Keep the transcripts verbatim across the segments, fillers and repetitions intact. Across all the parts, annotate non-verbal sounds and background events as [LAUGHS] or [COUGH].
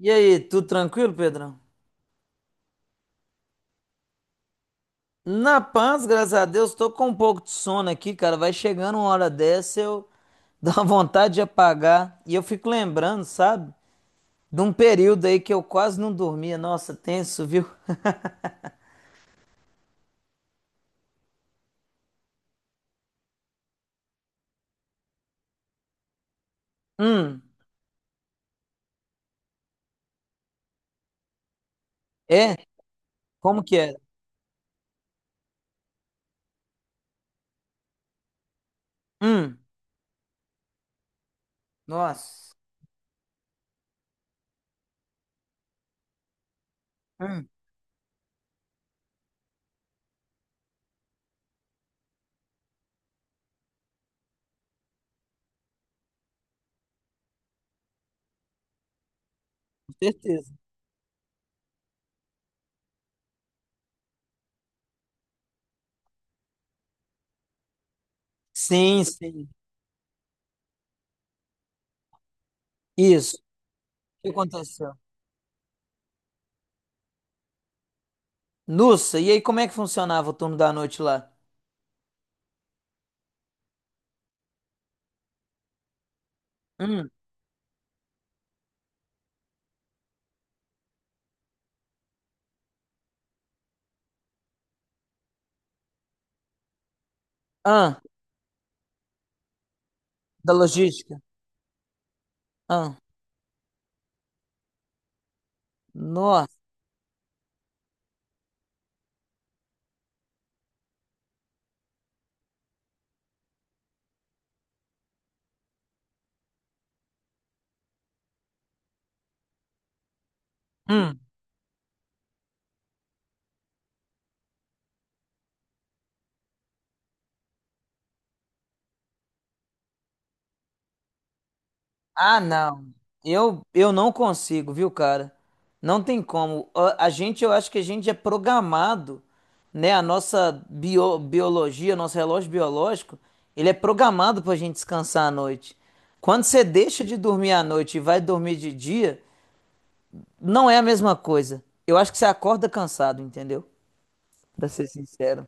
E aí, tudo tranquilo, Pedrão? Na paz, graças a Deus, tô com um pouco de sono aqui, cara. Vai chegando uma hora dessa, eu [LAUGHS] dou uma vontade de apagar. E eu fico lembrando, sabe? De um período aí que eu quase não dormia. Nossa, tenso, viu? [LAUGHS] Hum, é? Como que era? Hum, nossa. Hum, com certeza. Sim, sim. Isso. O que aconteceu? Nossa, e aí como é que funcionava o turno da noite lá? Hum, ah, da logística. Ah, nossa. Hum, Ah, não. Eu, eu não consigo, viu, cara? Não tem como. A, a gente, eu acho que a gente é programado, né? A nossa bio, biologia, nosso relógio biológico, ele é programado pra gente descansar à noite. Quando você deixa de dormir à noite e vai dormir de dia, não é a mesma coisa. Eu acho que você acorda cansado, entendeu? Pra ser sincero.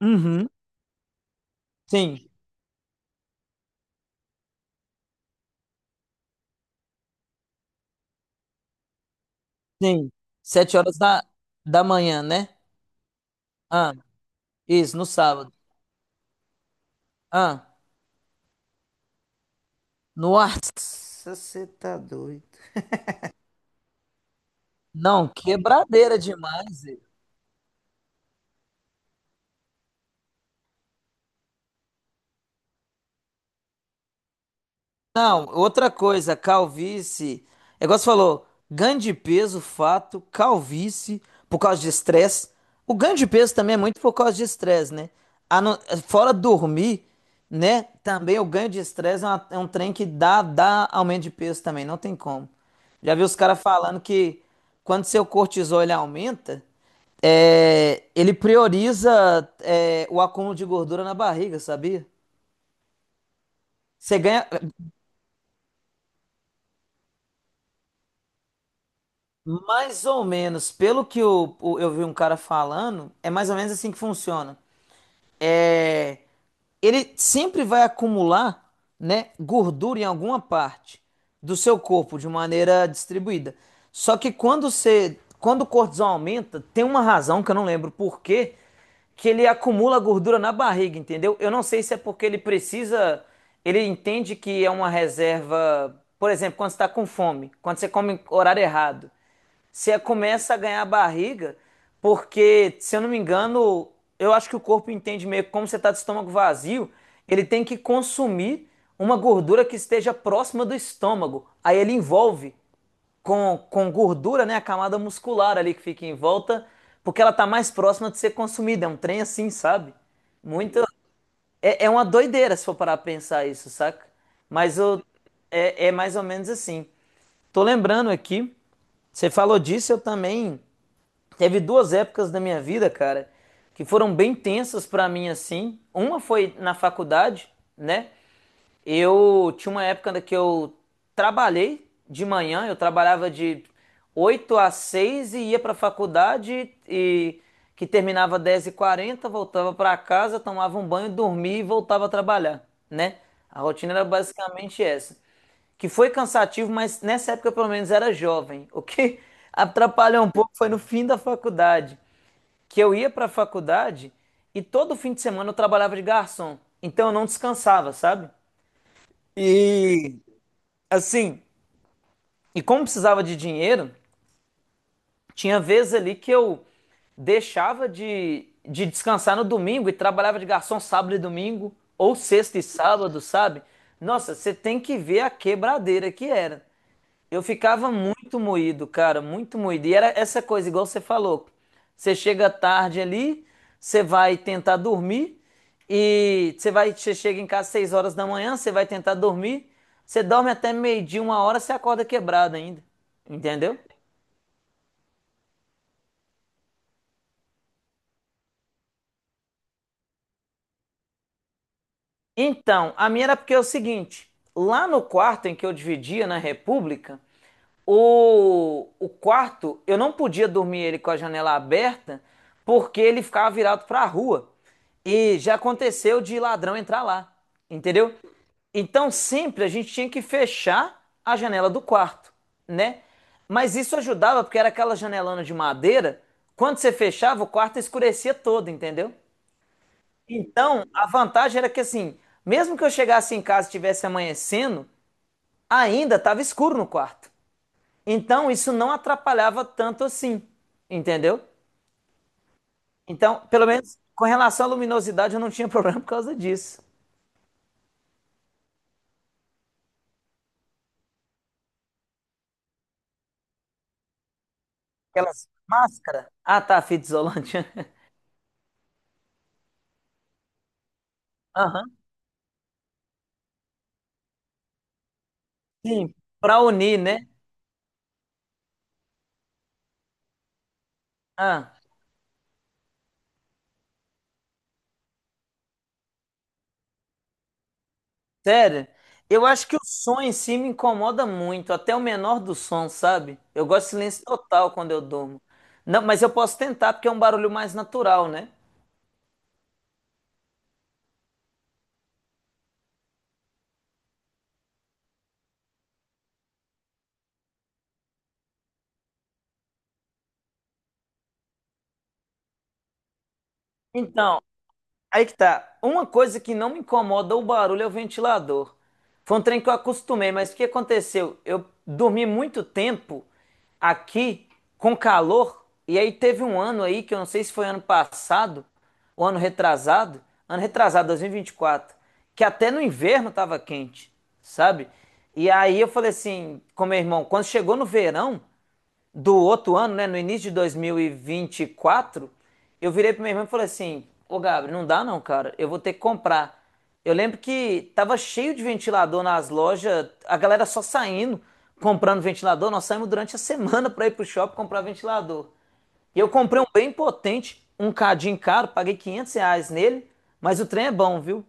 Uhum. Sim, sim. Sete horas da, da manhã, né? Ah, isso, no sábado. Ah. Nossa, você tá doido. Não, quebradeira demais. Zé. Não, outra coisa, calvície. É igual você falou, ganho de peso, fato, calvície, por causa de estresse. O ganho de peso também é muito por causa de estresse, né? A não- Fora dormir, né? Também o ganho de estresse é, uma- é um trem que dá, dá aumento de peso também, não tem como. Já vi os caras falando que quando seu cortisol ele aumenta. É, ele prioriza é, o acúmulo de gordura na barriga, sabia? Você ganha mais ou menos, pelo que o- o- eu vi um cara falando, é mais ou menos assim que funciona. É, ele sempre vai acumular, né, gordura em alguma parte do seu corpo de maneira distribuída. Só que quando você, quando o cortisol aumenta, tem uma razão que eu não lembro por quê, que ele acumula gordura na barriga, entendeu? Eu não sei se é porque ele precisa, ele entende que é uma reserva, por exemplo, quando você está com fome, quando você come em horário errado. Você começa a ganhar barriga, porque, se eu não me engano, eu acho que o corpo entende meio que como você está de estômago vazio, ele tem que consumir uma gordura que esteja próxima do estômago. Aí ele envolve com, com gordura, né, a camada muscular ali que fica em volta, porque ela tá mais próxima de ser consumida. É um trem assim, sabe? Muito. É, é uma doideira se for parar pra pensar isso, saca? Mas eu, é, é mais ou menos assim. Tô lembrando aqui, você falou disso, eu também. Teve duas épocas da minha vida, cara, que foram bem tensas pra mim assim. Uma foi na faculdade, né? Eu tinha uma época que eu trabalhei de manhã, eu trabalhava de oito às seis e ia pra faculdade e que terminava dez e quarenta, voltava pra casa, tomava um banho, dormia e voltava a trabalhar, né? A rotina era basicamente essa que foi cansativo, mas nessa época eu, pelo menos era jovem. [LAUGHS] O que atrapalhou um pouco foi no fim da faculdade, que eu ia para a faculdade e todo fim de semana eu trabalhava de garçom. Então eu não descansava, sabe? E assim, e como precisava de dinheiro, tinha vezes ali que eu deixava de, de descansar no domingo e trabalhava de garçom sábado e domingo, ou sexta e sábado, sabe? Nossa, você tem que ver a quebradeira que era. Eu ficava muito moído, cara, muito moído. E era essa coisa, igual você falou. Você chega tarde ali, você vai tentar dormir e você vai, você chega em casa às 6 horas da manhã, você vai tentar dormir, você dorme até meio-dia, uma hora, você acorda quebrado ainda. Entendeu? Então, a minha era porque é o seguinte, lá no quarto em que eu dividia na República, o, o quarto, eu não podia dormir ele com a janela aberta, porque ele ficava virado para a rua. E já aconteceu de ladrão entrar lá, entendeu? Então sempre a gente tinha que fechar a janela do quarto, né? Mas isso ajudava porque era aquela janelona de madeira, quando você fechava, o quarto escurecia todo, entendeu? Então, a vantagem era que assim, mesmo que eu chegasse em casa e estivesse amanhecendo, ainda estava escuro no quarto. Então, isso não atrapalhava tanto assim, entendeu? Então, pelo menos com relação à luminosidade, eu não tinha [LAUGHS] problema por causa disso. Aquelas máscaras. Ah, tá, fita isolante. [LAUGHS] Aham. Sim, para unir, né? Ah. Sério, eu acho que o som em si me incomoda muito, até o menor do som, sabe? Eu gosto de silêncio total quando eu durmo. Não, mas eu posso tentar, porque é um barulho mais natural, né? Então, aí que tá. Uma coisa que não me incomoda o barulho é o ventilador. Foi um trem que eu acostumei, mas o que aconteceu? Eu dormi muito tempo aqui com calor, e aí teve um ano aí, que eu não sei se foi ano passado, ou ano retrasado, ano retrasado, dois mil e vinte e quatro, que até no inverno tava quente, sabe? E aí eu falei assim com meu irmão, quando chegou no verão, do outro ano, né, no início de dois mil e vinte e quatro, eu virei para minha irmão e falei assim: Ô Gabriel, não dá não, cara, eu vou ter que comprar. Eu lembro que tava cheio de ventilador nas lojas, a galera só saindo, comprando ventilador. Nós saímos durante a semana para ir pro shopping comprar ventilador. E eu comprei um bem potente, um cadinho caro, paguei quinhentos reais nele, mas o trem é bom, viu?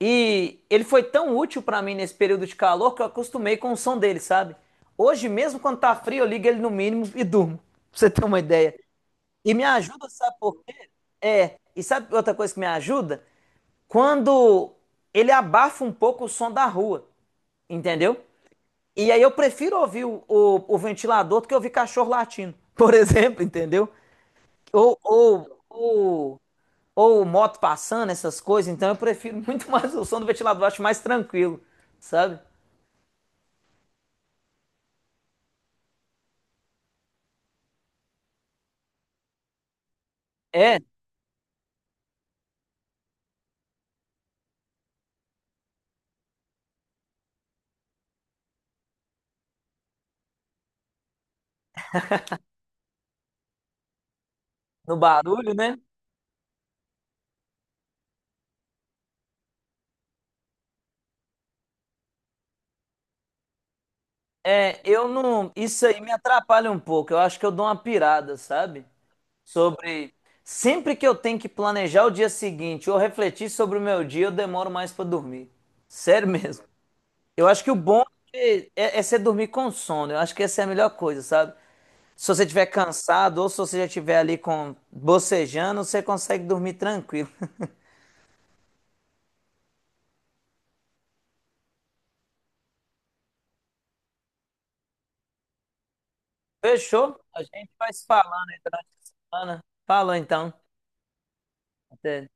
E ele foi tão útil pra mim nesse período de calor que eu acostumei com o som dele, sabe? Hoje, mesmo quando tá frio, eu ligo ele no mínimo e durmo, pra você ter uma ideia. E me ajuda, sabe por quê? E sabe outra coisa que me ajuda? Quando ele abafa um pouco o som da rua, entendeu? E aí eu prefiro ouvir o, o- o ventilador do que ouvir cachorro latindo, [LAUGHS] por exemplo, entendeu? Ou, ou, ou ou moto passando, essas coisas, então eu prefiro [LAUGHS] muito mais o som do ventilador, acho mais tranquilo, sabe? É, no barulho, né? É, eu não. Isso aí me atrapalha um pouco. Eu acho que eu dou uma pirada, sabe? Sobre. Sempre que eu tenho que planejar o dia seguinte ou refletir sobre o meu dia, eu demoro mais pra dormir. Sério [LAUGHS] mesmo. Eu acho que o bom é, é é você dormir com sono. Eu acho que essa é a melhor coisa, sabe? Se você estiver cansado ou se você já estiver ali com bocejando, você consegue dormir tranquilo. [LAUGHS] Fechou? A gente vai se falando aí durante a semana. Falou então. Até.